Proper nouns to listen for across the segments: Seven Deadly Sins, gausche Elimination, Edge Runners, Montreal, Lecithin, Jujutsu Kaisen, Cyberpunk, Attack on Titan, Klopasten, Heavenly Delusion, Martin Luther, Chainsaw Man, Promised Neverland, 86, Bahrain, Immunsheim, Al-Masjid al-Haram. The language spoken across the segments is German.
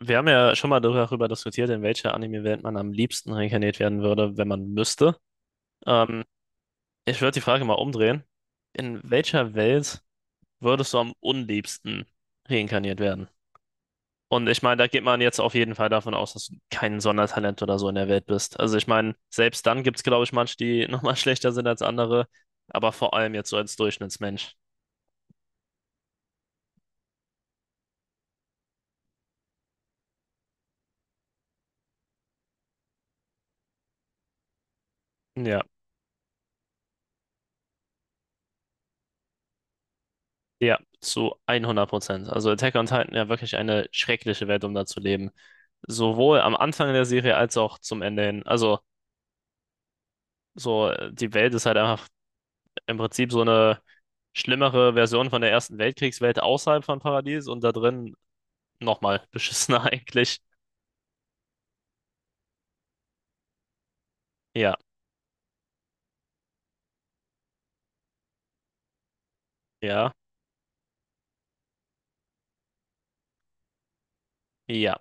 Wir haben ja schon mal darüber diskutiert, in welcher Anime-Welt man am liebsten reinkarniert werden würde, wenn man müsste. Ähm, Ich würde die Frage mal umdrehen. In welcher Welt würdest du am unliebsten reinkarniert werden? Und ich meine, da geht man jetzt auf jeden Fall davon aus, dass du kein Sondertalent oder so in der Welt bist. Also ich meine, selbst dann gibt es, glaube ich, manche, die nochmal schlechter sind als andere, aber vor allem jetzt so als Durchschnittsmensch. Ja. Ja, zu 100%. Also Attack on Titan ja wirklich eine schreckliche Welt, um da zu leben. Sowohl am Anfang der Serie als auch zum Ende hin. Also so die Welt ist halt einfach im Prinzip so eine schlimmere Version von der Ersten Weltkriegswelt außerhalb von Paradies und da drin nochmal beschissener eigentlich. Ja, ja, ja,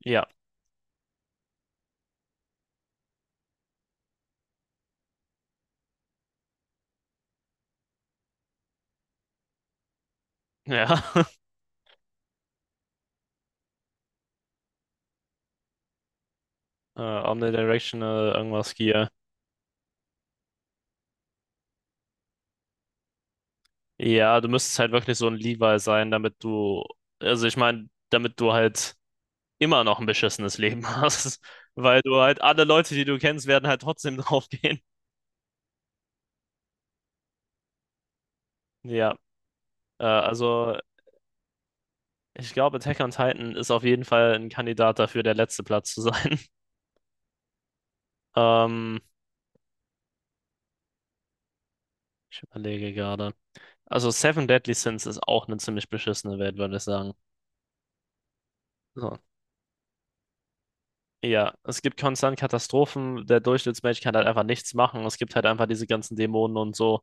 ja, ja. Omnidirectional, irgendwas hier. Ja, du müsstest halt wirklich so ein Levi sein, damit du, also ich meine, damit du halt immer noch ein beschissenes Leben hast, weil du halt alle Leute, die du kennst, werden halt trotzdem draufgehen. Ja, also ich glaube, Attack on Titan ist auf jeden Fall ein Kandidat dafür, der letzte Platz zu sein. Ähm, Ich überlege gerade. Also Seven Deadly Sins ist auch eine ziemlich beschissene Welt, würde ich sagen. So. Ja, es gibt konstant Katastrophen. Der Durchschnittsmensch kann halt einfach nichts machen. Es gibt halt einfach diese ganzen Dämonen und so.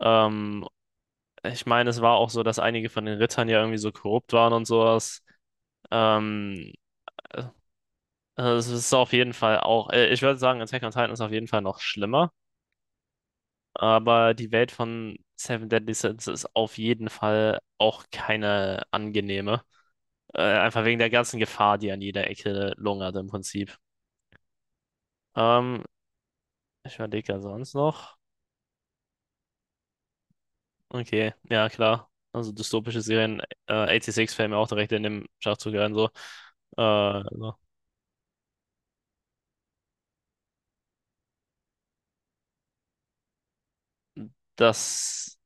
Ähm, Ich meine, es war auch so, dass einige von den Rittern ja irgendwie so korrupt waren und sowas. Ähm, Es ist auf jeden Fall auch, ich würde sagen, Attack on Titan ist auf jeden Fall noch schlimmer, aber die Welt von Seven Deadly Sins ist auf jeden Fall auch keine angenehme. Einfach wegen der ganzen Gefahr, die an jeder Ecke lungert im Prinzip. Ähm, Ich überlege ja sonst noch. Okay, ja klar. Also dystopische Serien, 86 fällt mir auch direkt in dem Schachzug ein, so. So. Das,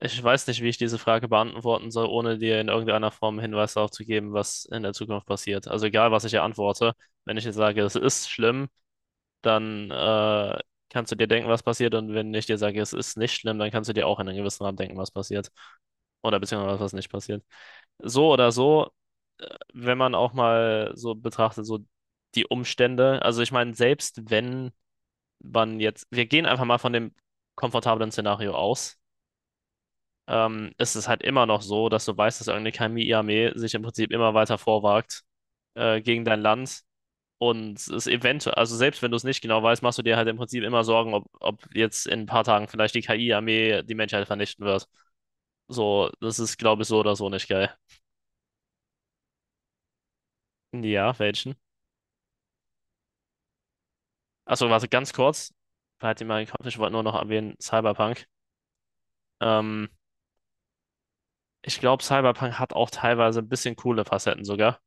Ich weiß nicht, wie ich diese Frage beantworten soll, ohne dir in irgendeiner Form Hinweis darauf zu geben, was in der Zukunft passiert. Also egal, was ich hier antworte, wenn ich jetzt sage, es ist schlimm, dann kannst du dir denken, was passiert. Und wenn ich dir sage, es ist nicht schlimm, dann kannst du dir auch in einem gewissen Rahmen denken, was passiert. Oder beziehungsweise was nicht passiert. So oder so, äh, wenn man auch mal so betrachtet, so die Umstände. Also ich meine, selbst wenn man jetzt, wir gehen einfach mal von dem komfortablen Szenario aus, ist es halt immer noch so, dass du weißt, dass irgendeine Kami-Armee sich im Prinzip immer weiter vorwagt gegen dein Land. Und es eventuell, also selbst wenn du es nicht genau weißt, machst du dir halt im Prinzip immer Sorgen, ob, ob jetzt in ein paar Tagen vielleicht die KI-Armee die Menschheit vernichten wird. So, das ist, glaube ich, so oder so nicht geil. Ja, welchen? Achso, warte, ganz kurz. Halt dir mal im Kopf, ich wollte nur noch erwähnen, Cyberpunk. Ähm, Ich glaube, Cyberpunk hat auch teilweise ein bisschen coole Facetten sogar.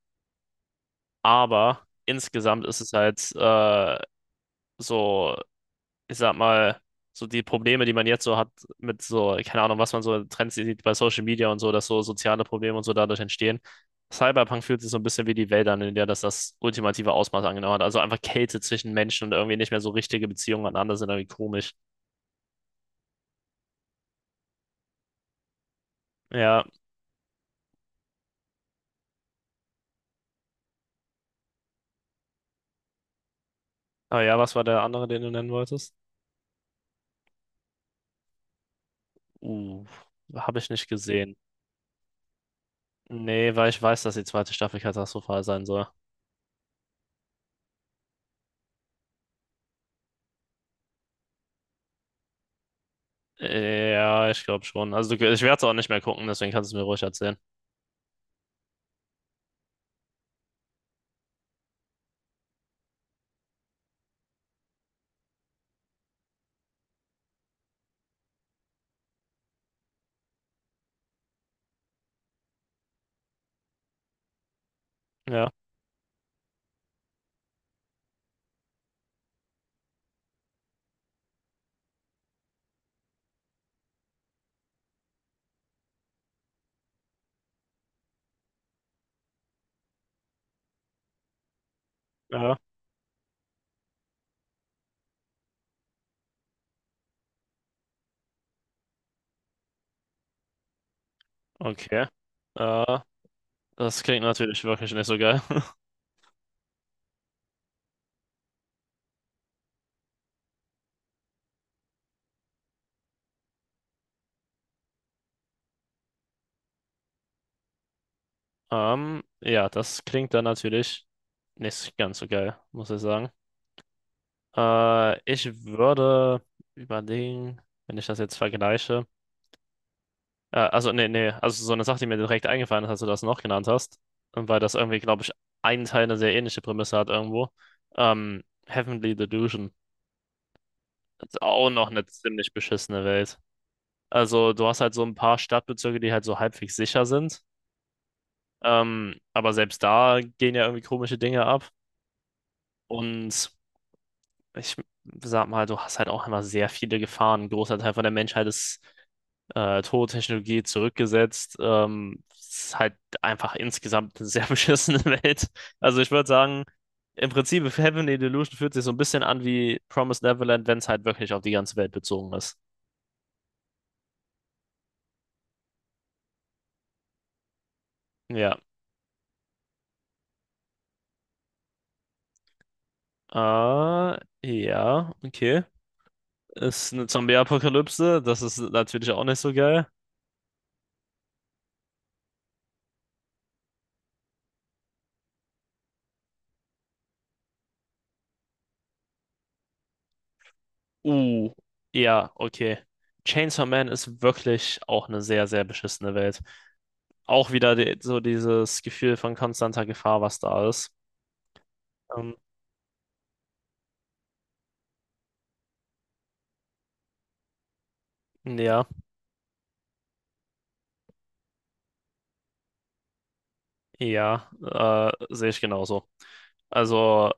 Aber insgesamt ist es halt so, ich sag mal, so die Probleme, die man jetzt so hat mit so, keine Ahnung, was man so in Trends sieht bei Social Media und so, dass so soziale Probleme und so dadurch entstehen. Cyberpunk fühlt sich so ein bisschen wie die Welt an, in der das das ultimative Ausmaß angenommen hat. Also einfach Kälte zwischen Menschen und irgendwie nicht mehr so richtige Beziehungen aneinander sind irgendwie komisch. Ja, aber ja, was war der andere, den du nennen wolltest? Uh, Habe ich nicht gesehen. Nee, weil ich weiß, dass die zweite Staffel katastrophal sein soll. Ja, ich glaube schon. Also ich werde es auch nicht mehr gucken, deswegen kannst du es mir ruhig erzählen. Ja, ja. Okay. Äh, Das klingt natürlich wirklich nicht so geil. Ja, das klingt dann natürlich nicht ganz so geil, muss ich sagen. Ich würde überlegen, wenn ich das jetzt vergleiche. Also, nee, nee, also so eine Sache, die mir direkt eingefallen ist, als du das noch genannt hast, und weil das irgendwie, glaube ich, einen Teil eine sehr ähnliche Prämisse hat irgendwo. Heavenly Delusion. Das ist auch noch eine ziemlich beschissene Welt. Also, du hast halt so ein paar Stadtbezirke, die halt so halbwegs sicher sind. Aber selbst da gehen ja irgendwie komische Dinge ab. Und ich sag mal, du hast halt auch immer sehr viele Gefahren. Ein großer Teil von der Menschheit ist tot, Technologie zurückgesetzt. Es ist halt einfach insgesamt eine sehr beschissene Welt. Also ich würde sagen, im Prinzip, Heavenly Delusion fühlt sich so ein bisschen an wie Promised Neverland, wenn es halt wirklich auf die ganze Welt bezogen ist. Ja. Äh, ja, okay. Ist eine Zombie-Apokalypse, das ist natürlich auch nicht so geil. Uh, ja, okay. Chainsaw Man ist wirklich auch eine sehr, sehr beschissene Welt. Auch wieder die, so dieses Gefühl von konstanter Gefahr, was da ist. Ähm, ja, ja, sehe ich genauso. Also,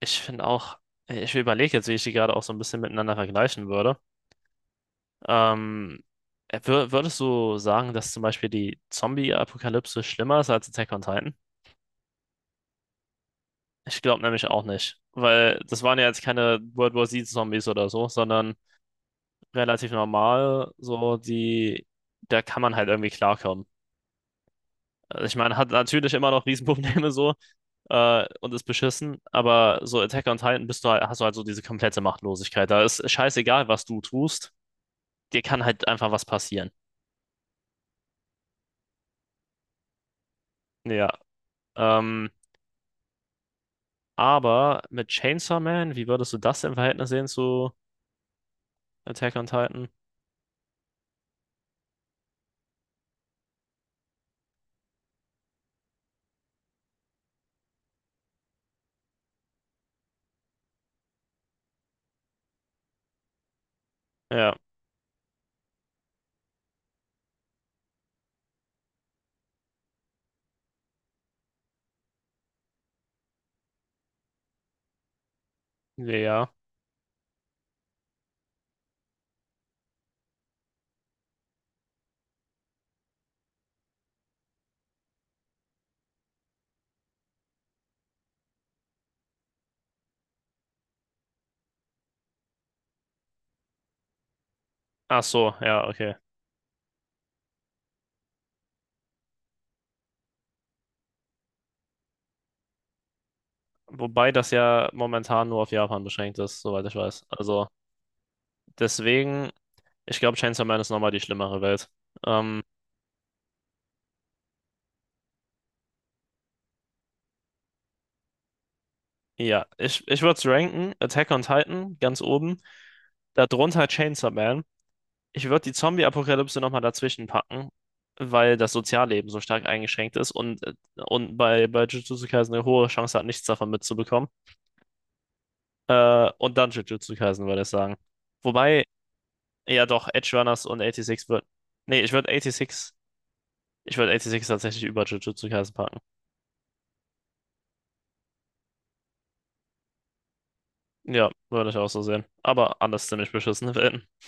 ich finde auch, ich überlege jetzt, wie ich die gerade auch so ein bisschen miteinander vergleichen würde. Ähm, Würdest du sagen, dass zum Beispiel die Zombie-Apokalypse schlimmer ist als Attack on Titan? Ich glaube nämlich auch nicht, weil das waren ja jetzt keine World War Z-Zombies oder so, sondern relativ normal. So, die, da kann man halt irgendwie klarkommen. Also ich meine, hat natürlich immer noch Riesenprobleme so und ist beschissen, aber so Attack on Titan bist du halt, hast du halt so diese komplette Machtlosigkeit. Da ist scheißegal, was du tust, dir kann halt einfach was passieren. Ja, ähm, aber mit Chainsaw Man, wie würdest du das im Verhältnis sehen zu Attack on Titan? Ja, ja. Ach so, ja, okay. Wobei das ja momentan nur auf Japan beschränkt ist, soweit ich weiß. Also deswegen. Ich glaube, Chainsaw Man ist nochmal die schlimmere Welt. Ähm, ja, ich würde es ranken. Attack on Titan ganz oben. Darunter Chainsaw Man. Ich würde die Zombie-Apokalypse nochmal dazwischen packen, weil das Sozialleben so stark eingeschränkt ist und, bei, Jujutsu Kaisen eine hohe Chance hat, nichts davon mitzubekommen. Und dann Jujutsu Kaisen würde ich sagen. Wobei, ja doch, Edge Runners und 86 wird. Nee, ich würde 86. Ich würde 86 tatsächlich über Jujutsu Kaisen packen. Ja, würde ich auch so sehen. Aber anders ziemlich beschissene Welten.